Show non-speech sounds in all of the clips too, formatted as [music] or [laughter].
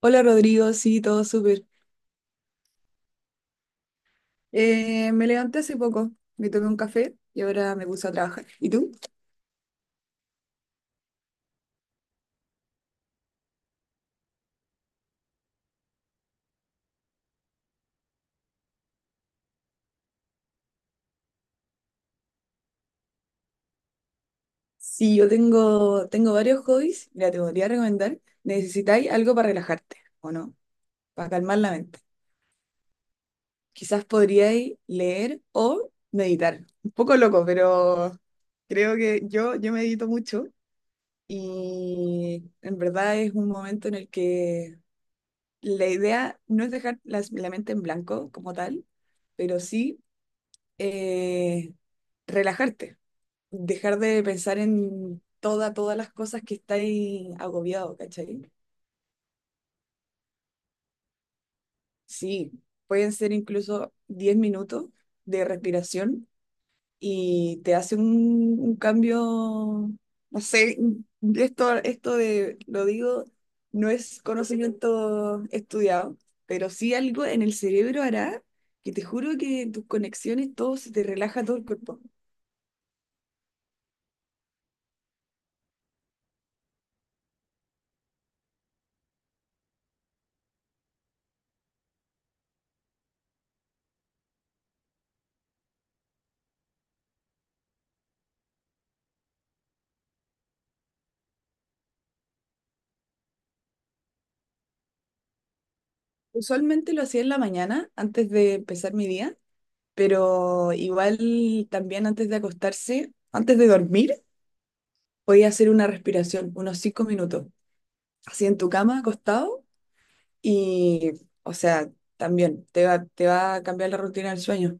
Hola Rodrigo, sí, todo súper. Me levanté hace poco, me tomé un café y ahora me puse a trabajar. ¿Y tú? Sí, yo tengo varios hobbies, mira, te podría recomendar. Necesitáis algo para relajarte, ¿o no? Para calmar la mente. Quizás podríais leer o meditar. Un poco loco, pero creo que yo medito mucho y en verdad es un momento en el que la idea no es dejar la mente en blanco como tal, pero sí eh, relajarte, dejar de pensar en toda, todas las cosas que estáis agobiado, ¿cachai? Sí, pueden ser incluso 10 minutos de respiración y te hace un cambio, no sé, esto de, lo digo, no es conocimiento estudiado, pero sí algo en el cerebro hará que te juro que tus conexiones, todo se te relaja todo el cuerpo. Usualmente lo hacía en la mañana, antes de empezar mi día, pero igual también antes de acostarse, antes de dormir, podía hacer una respiración, unos 5 minutos, así en tu cama, acostado, y, o sea, también te va a cambiar la rutina del sueño.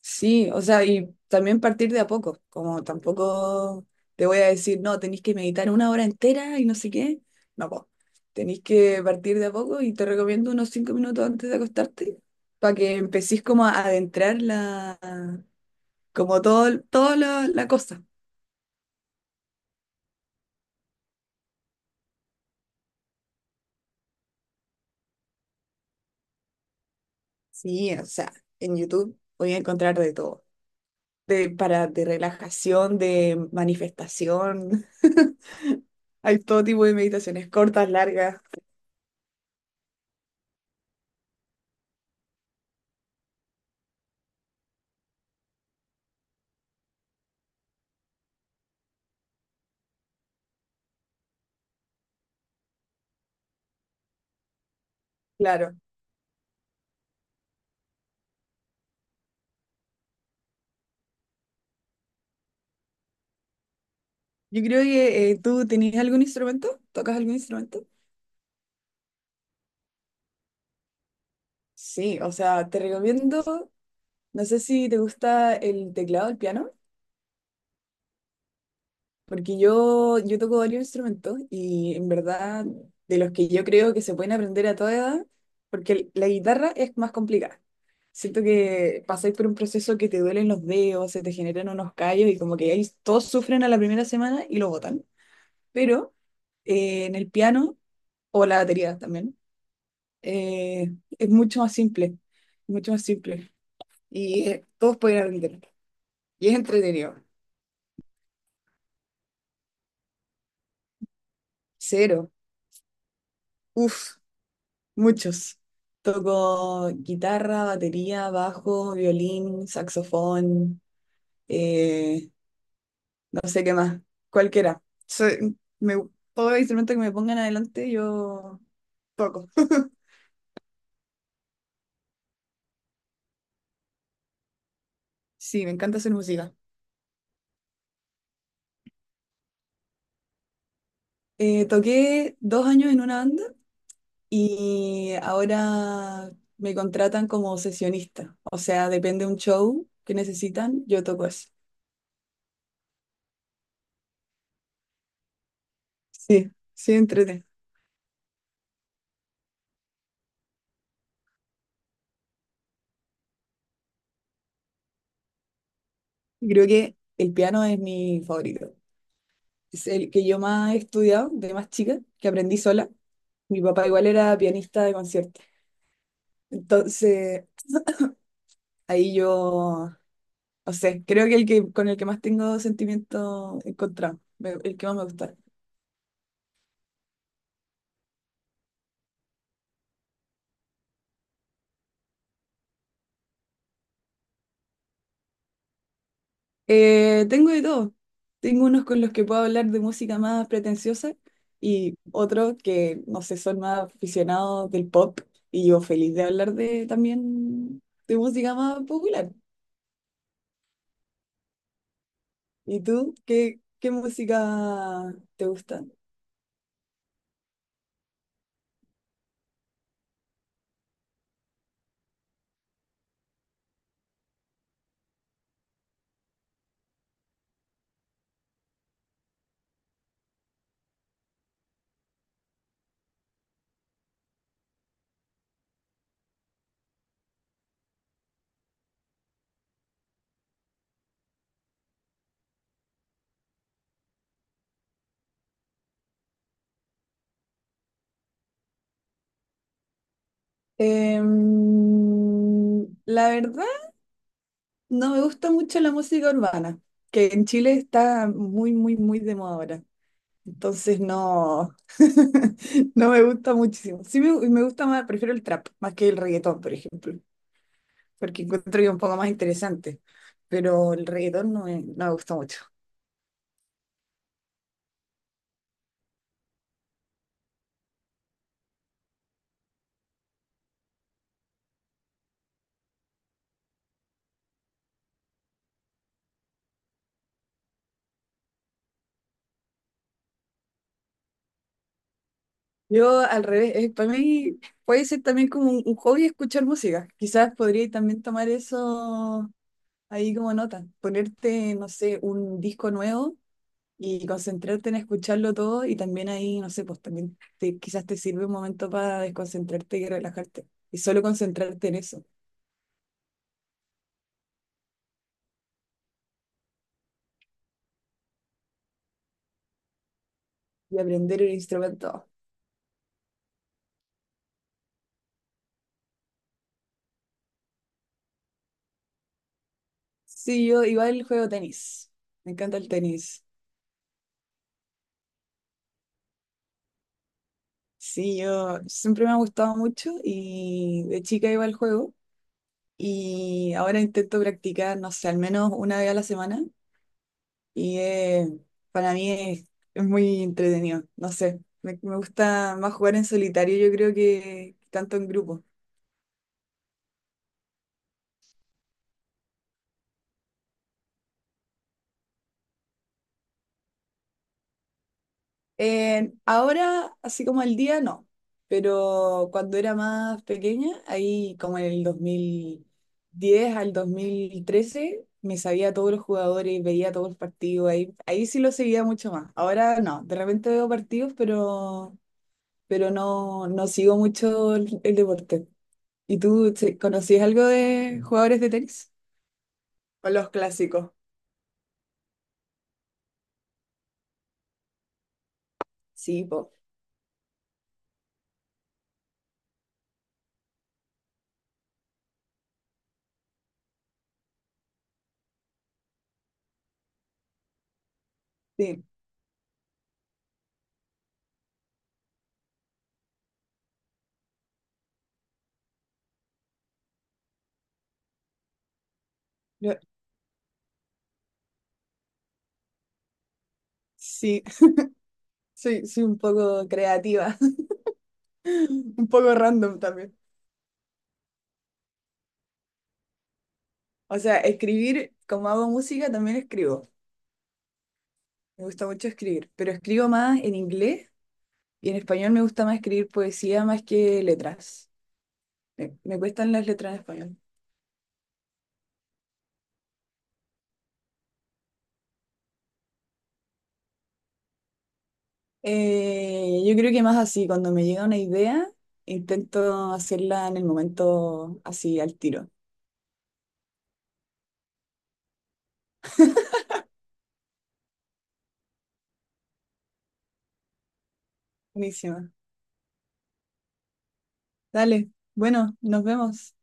Sí, o sea, y también partir de a poco, como tampoco te voy a decir, no, tenéis que meditar una hora entera y no sé qué. No, pues, tenéis que partir de a poco y te recomiendo unos 5 minutos antes de acostarte para que empecéis como a adentrar la, como todo, todo la cosa. Sí, o sea, en YouTube voy a encontrar de todo, de, para, de relajación, de manifestación. [laughs] Hay todo tipo de meditaciones cortas, largas, claro. Yo creo que tú tenías algún instrumento, tocas algún instrumento. Sí, o sea, te recomiendo, no sé si te gusta el teclado, el piano, porque yo toco varios instrumentos y en verdad de los que yo creo que se pueden aprender a toda edad, porque la guitarra es más complicada. Siento que pasáis por un proceso que te duelen los dedos, se te generan unos callos y como que ahí todos sufren a la primera semana y lo botan. Pero en el piano o la batería también. Es mucho más simple, mucho más simple. Y todos pueden aprender. Y es entretenido. Cero. Uf, muchos. Toco guitarra, batería, bajo, violín, saxofón, eh, no sé qué más, cualquiera. Me, Todo instrumento que me pongan adelante, yo toco. [laughs] Sí, me encanta hacer música. Toqué 2 años en una banda y ahora me contratan como sesionista. O sea, depende de un show que necesitan, yo toco eso. Sí, sí, entrete. Creo que el piano es mi favorito. Es el que yo más he estudiado de más chica, que aprendí sola. Mi papá igual era pianista de concierto. Entonces, ahí yo, no sé, creo que el que con el que más tengo sentimiento encontrado, el que más me gusta. Tengo de todo. Tengo unos con los que puedo hablar de música más pretenciosa y otros que, no sé, son más aficionados del pop y yo feliz de hablar de también de música más popular. ¿Y tú? ¿Qué música te gusta? La verdad, no me gusta mucho la música urbana, que en Chile está muy, muy, muy de moda ahora. Entonces no, [laughs] no me gusta muchísimo. Sí me gusta más, prefiero el trap más que el reggaetón, por ejemplo, porque encuentro que es un poco más interesante, pero el reggaetón no me gusta mucho. Yo al revés, para mí puede ser también como un hobby escuchar música. Quizás podría también tomar eso ahí como nota, ponerte, no sé, un disco nuevo y concentrarte en escucharlo todo y también ahí, no sé, pues también te, quizás te sirve un momento para desconcentrarte y relajarte. Y solo concentrarte en eso y aprender el instrumento. Sí, yo igual juego tenis. Me encanta el tenis. Sí, yo siempre me ha gustado mucho y de chica iba al juego y ahora intento practicar, no sé, al menos una vez a la semana y para mí es muy entretenido, no sé, me gusta más jugar en solitario yo creo que tanto en grupo. Ahora, así como el día, no. Pero cuando era más pequeña, ahí como en el 2010 al 2013 me sabía a todos los jugadores, veía todos los partidos, ahí sí lo seguía mucho más. Ahora no, de repente veo partidos, pero no, no sigo mucho el deporte. ¿Y tú? ¿Conocías algo de jugadores de tenis? O los clásicos. Sí, po. Sí, Yo- sí, [laughs] soy un poco creativa. [laughs] Un poco random también. O sea, escribir, como hago música, también escribo. Me gusta mucho escribir, pero escribo más en inglés y en español me gusta más escribir poesía más que letras. Me cuestan las letras en español. Yo creo que más así, cuando me llega una idea, intento hacerla en el momento así, al tiro. Buenísima. Dale, bueno, nos vemos.